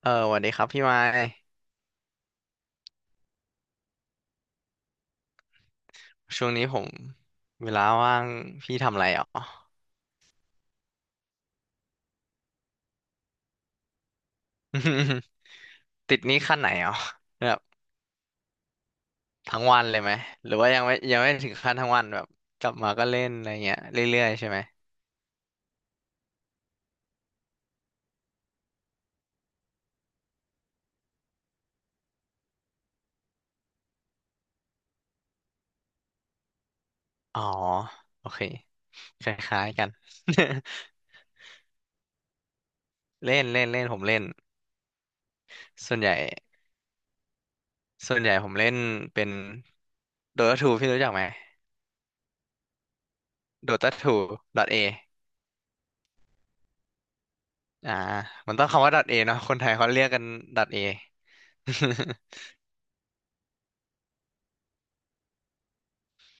เออสวัสดีครับพี่ไม้ช่วงนี้ผมเวลาว่างพี่ทำอะไรอ๋อ ติดหนี้ขั้นไหนอ๋อแบบทั้งวันเลยไหมหรือว่ายังไม่ถึงขั้นทั้งวันแบบกลับมาก็เล่นอะไรเงี้ยเรื่อยๆใช่ไหมอ๋อโอเคคล้ายๆกัน เล่นเล่นเล่นผมเล่นส่วนใหญ่ส่วนใหญ่ผมเล่นเป็น Dota 2พี่รู้จักไหม Dota 2ดอ t A ออ่ามันต้องคำว่า A เนาะคนไทยเขาเรียกกัน A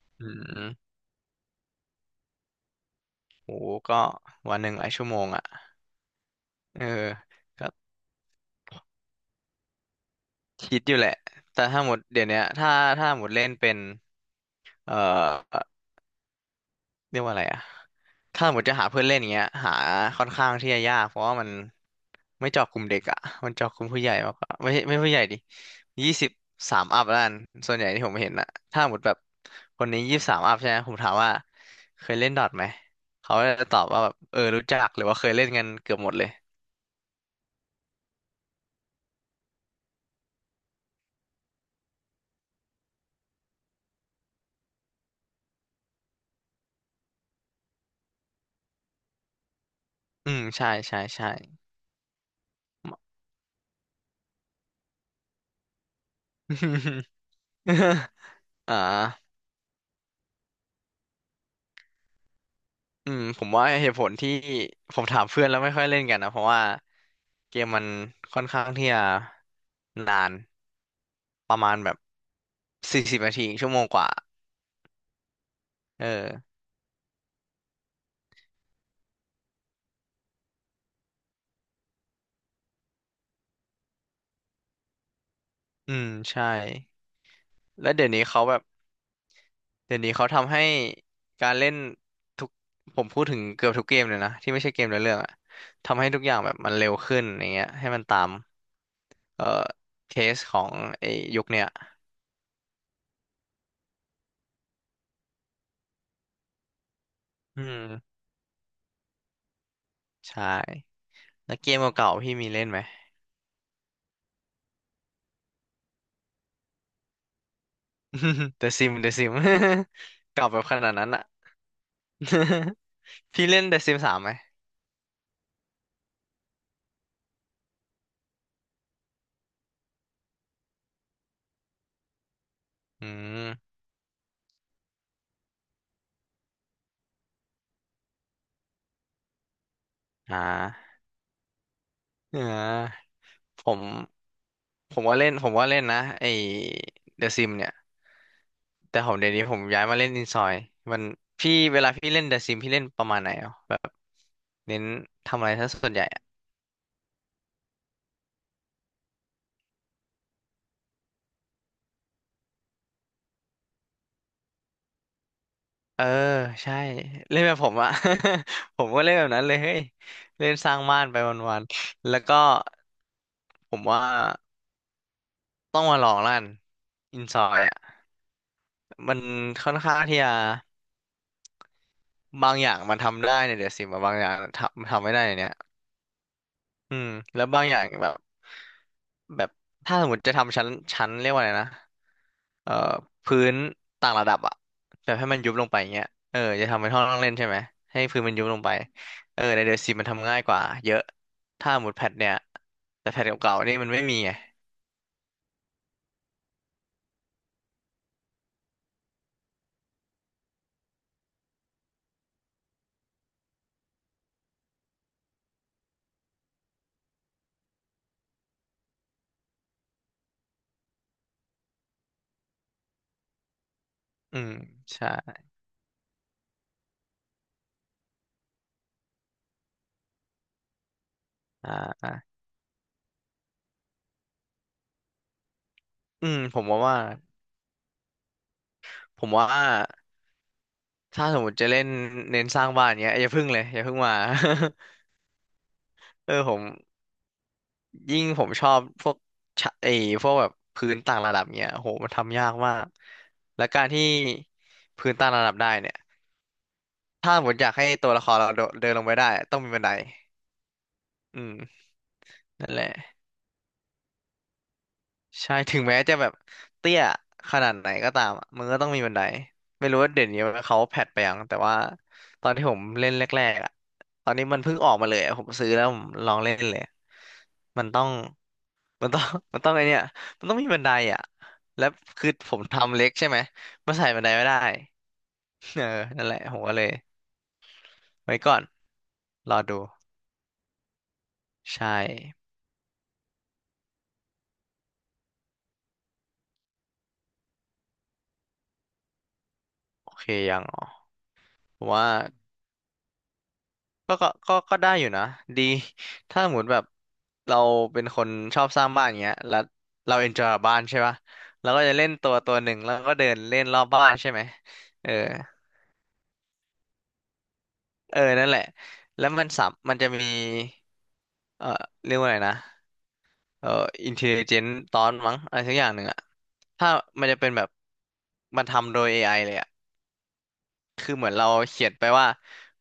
อืม โหก็วันหนึ่งหลายชั่วโมงอ่ะเออก็คิดอยู่แหละแต่ถ้าหมดเดี๋ยวเนี้ยถ้าหมดเล่นเป็นเอ่อเรียกว่าอะไรอ่ะถ้าหมดจะหาเพื่อนเล่นอย่างเงี้ยหาค่อนข้างที่จะยากเพราะว่ามันไม่เจาะกลุ่มเด็กอ่ะมันเจาะกลุ่มผู้ใหญ่มากกว่าไม่ใช่ไม่ผู้ใหญ่ดิยี่สิบสามอัพแล้วกันส่วนใหญ่ที่ผมเห็นอ่ะถ้าหมดแบบคนนี้ยี่สิบสามอัพใช่ไหมผมถามว่าเคยเล่นดอทไหมเขาก็จะตอบว่าแบบเออรู้จักหรือว่าเคยเล่นกันเกือบหมดเลยอืมใช่ใช่ใช่ อ่าอืมผมว่าเหตุผลที่ผมถามเพื่อนแล้วไม่ค่อยเล่นกันนะเพราะว่าเกมมันค่อนข้างที่จะนานประมาณแบบสี่สิบนาทีชั่วโมงกว่าเอออืมใช่แล้วเดี๋ยวนี้เขาแบบเดี๋ยวนี้เขาทำให้การเล่นทุกผมพูดถึงเกือบทุกเกมเลยนะที่ไม่ใช่เกมในอเรื่องอะทำให้ทุกอย่างแบบมันเร็วขึ้นอย่างเงี้ยให้มันตามเอ่อเคสของไอ้ยุคเนี้ย อืมใช่แล้วเกมเก่าๆพี่มีเล่นไหม The Sim The Sim เดอะซิม เก่าแบบขนาดนั้นอะ พี่เล่น The Sim สามไหมอืมอ่าอ่าผมผมว่าเล่นผมว่าเล่นนะไอ้ The Sim เนี่ยแต่ผมเดี๋ยวนี้ผมย้ายมาเล่นอินซอยมันพี่เวลาพี่เล่น The Sim พี่เล่นประมาณไหนอ่ะแบบเน้นทำอะไรซะส่วนใหญ่ เออใช่เล่นแบบผมอะ ผมก็เล่นแบบนั้นเลยเฮ้ยเล่นสร้างบ้านไปวันๆแล้วก็ผมว่าต้องมาลองลั่นอินซอยอะมันค่อนข้างที่จะบางอย่างมันทำได้เนี่ยเดี๋ยวสิมบางอย่างทำไม่ได้ในเนี่ยอืมแล้วบางอย่างแบบ แบบถ้าสมมติจะทำชั้นเรียกว่าอะไรนะเอ่อพื้นต่างระดับอะแบบให้มันยุบลงไปอย่างเงี้ยเออจะทำเป็นห้องนั่งเล่นใช่ไหมให้พื้นมันยุบลงไปเออในเดอะซีมมันทำง่ายกว่าเยอะถ้าหมุดแพทเนี่ยแต่แพทเก่าๆนี่มันไม่มีไงอืมใช่อ่าอ่าอืมผมว่าถ้าสมมติจะเล่นเน้นสร้างบ้านเงี้ยอย่าพึ่งเลยอย่าพึ่งมา เออผม ยิ่งผมชอบพวกชะพวกแบบพื้นต่างระดับเนี้ยโหมันทำยากมากและการที่พื้นต่างระดับได้เนี่ยถ้าผมอยากให้ตัวละครเราโดนเดินลงไปได้ต้องมีบันไดอืมนั่นแหละใช่ถึงแม้จะแบบเตี้ยขนาดไหนก็ตามอะมันก็ต้องมีบันไดไม่รู้ว่าเดี๋ยวนี้เขาแพทไปยังแต่ว่าตอนที่ผมเล่นแรกๆอ่ะตอนนี้มันเพิ่งออกมาเลยอะผมซื้อแล้วผมลองเล่นเลยมันต้อง มันต้อง มันต้องไอเนี่ยมันต้องมีบันไดอ่ะแล้วคือผมทำเล็กใช่ไหมมันใส่บันไดไม่ได้ เออนั่นแหละผมก็เลยไว้ก่อนรอดูใช่โอเคยังอ๋อผมว่าก็ได้อยู่นะดี ถ้าสมมติแบบเราเป็นคนชอบสร้างบ้านอย่างเงี้ยแล้วเราเอนจอยบ้านใช่ปะเราก็จะเล่นตัวตัวหนึ่งแล้วก็เดินเล่นรอบบ้านใช่ไหมเออเออนั่นแหละแล้วมันสัมมันจะมีเออเรียกว่าอะไรนะ เอ่ออินเทลเจนตอนมั้งอะไรสักอย่างหนึ่งอะถ้ามันจะเป็นแบบมันทำโดย AI เลยอะคือเหมือนเราเขียนไปว่า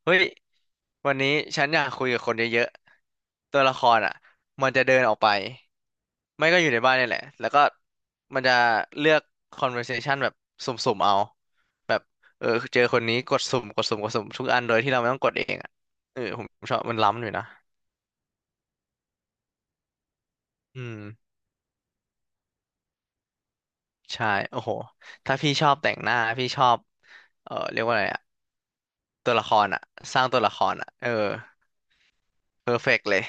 เฮ้ยวันนี้ฉันอยากคุยกับคนเยอะๆตัวละครอะมันจะเดินออกไปไม่ก็อยู่ในบ้านนี่แหละแล้วก็มันจะเลือก conversation แบบสุ่มๆเอาแบบเออเจอคนนี้กดสุ่มกดสุ่มกดสุ่มทุกอันโดยที่เราไม่ต้องกดเองอะเออผมชอบมันล้ำอยู่นะอืม ใช่ โอ้โห ถ้าพี่ชอบแต่งหน้าพี่ชอบ เออเรียกว่าอะไรอะตัวละครอะสร้างตัวละครอะเออเพอร์เฟกเลย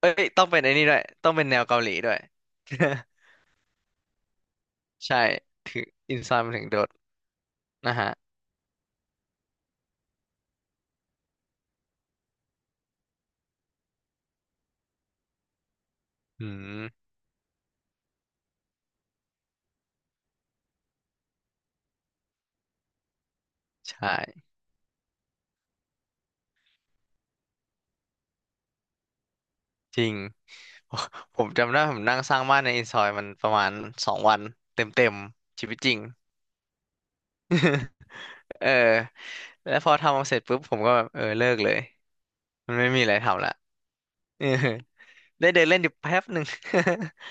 เอ้ยต้องเป็นไอ้นี่ด้วยต้องเป็นแนวเกาหลีด้วย ใช่อินซอนมันถึงโดดนะฮะอืมใช่จริง ผมจำได้ผมนั่งสร้างบ้านในอินซอยมันประมาณสองวันเต็มๆชีวิตจริง เออแล้วพอทำเสร็จปุ๊บผมก็แบบเออเลิกเลยมันไม่มีอะไรทำละ เออได้เดินเล่นอยู่แป๊บหนึ่ง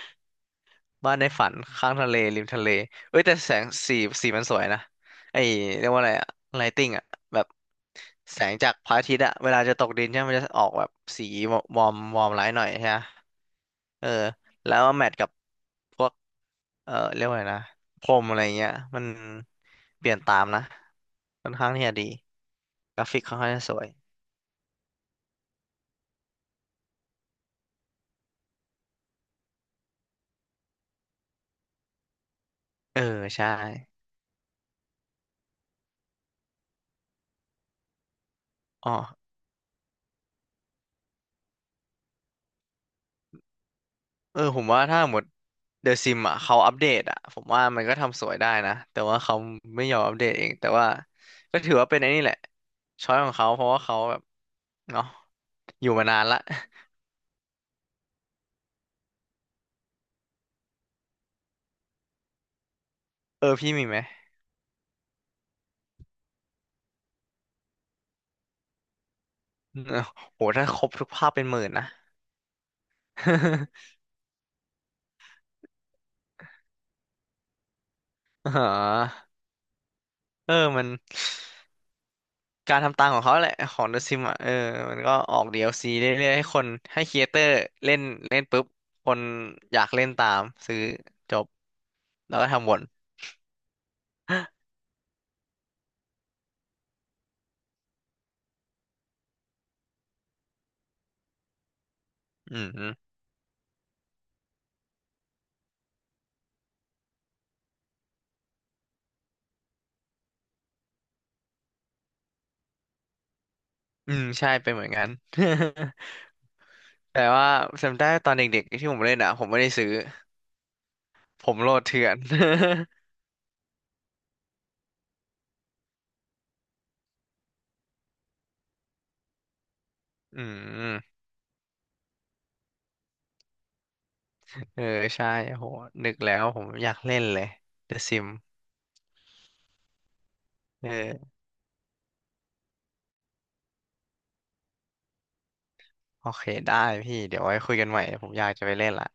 บ้านในฝันข้างทะเลริมทะเลเอ้ยแต่แสงสีมันสวยนะไอ้เรียกว่าอะไรอะไลติ้งอะแบบแสงจากพระอาทิตย์อะเวลาจะตกดินใช่ไหมมันจะออกแบบสีวอร์มวอร์มไลท์หน่อยใช่ไหมเออแล้วมาแมทกับพวกเออเรียกว่าอะไงนะพรมอะไรเงี้ยมันเปลี่ยนตามนะค่อนข้างที่จะดีกราฟิกค่อนข้างจะสวยเออใช่อ๋อ เออผมว่าถ้าหมดเดอะซิมอ่ะเขาอัปเดตอ่ะผมว่ามันก็ทำสวยได้นะแต่ว่าเขาไม่ยอมอัปเดตเองแต่ว่าก็ถือว่าเป็นไอ้นี่แหละช้อยของเขาเพราะว่าเขาแบบเนาะอยู่มานานละ เออพี่มีไหมเออโหถ้าครบทุกภาพเป็นหมื่นนะ อ๋อเออมันการทำตังของเขาแหละของเดอะซิมอ่ะเออมันก็ออกดีแอลซีเรื่อยๆให้คนให้ครีเอเตอร์เล่นเล่นปุ๊บคนอยากเล่นตามซื้อจบแล้วก็ทำวนอืม อืมใช่เป็นเหมือนกัน แต่ว่าจำได้ตอนเด็กๆที่ผมเล่นอ่ะผมไม่ได้ซื้อผมโหลดเถื่อน อืมเออใช่โหนึกแล้วผมอยากเล่นเลย The Sim เออโอเคได้พี่เดี๋ยวไว้คุยกันใหม่ผมอยากจะไปเล่นละ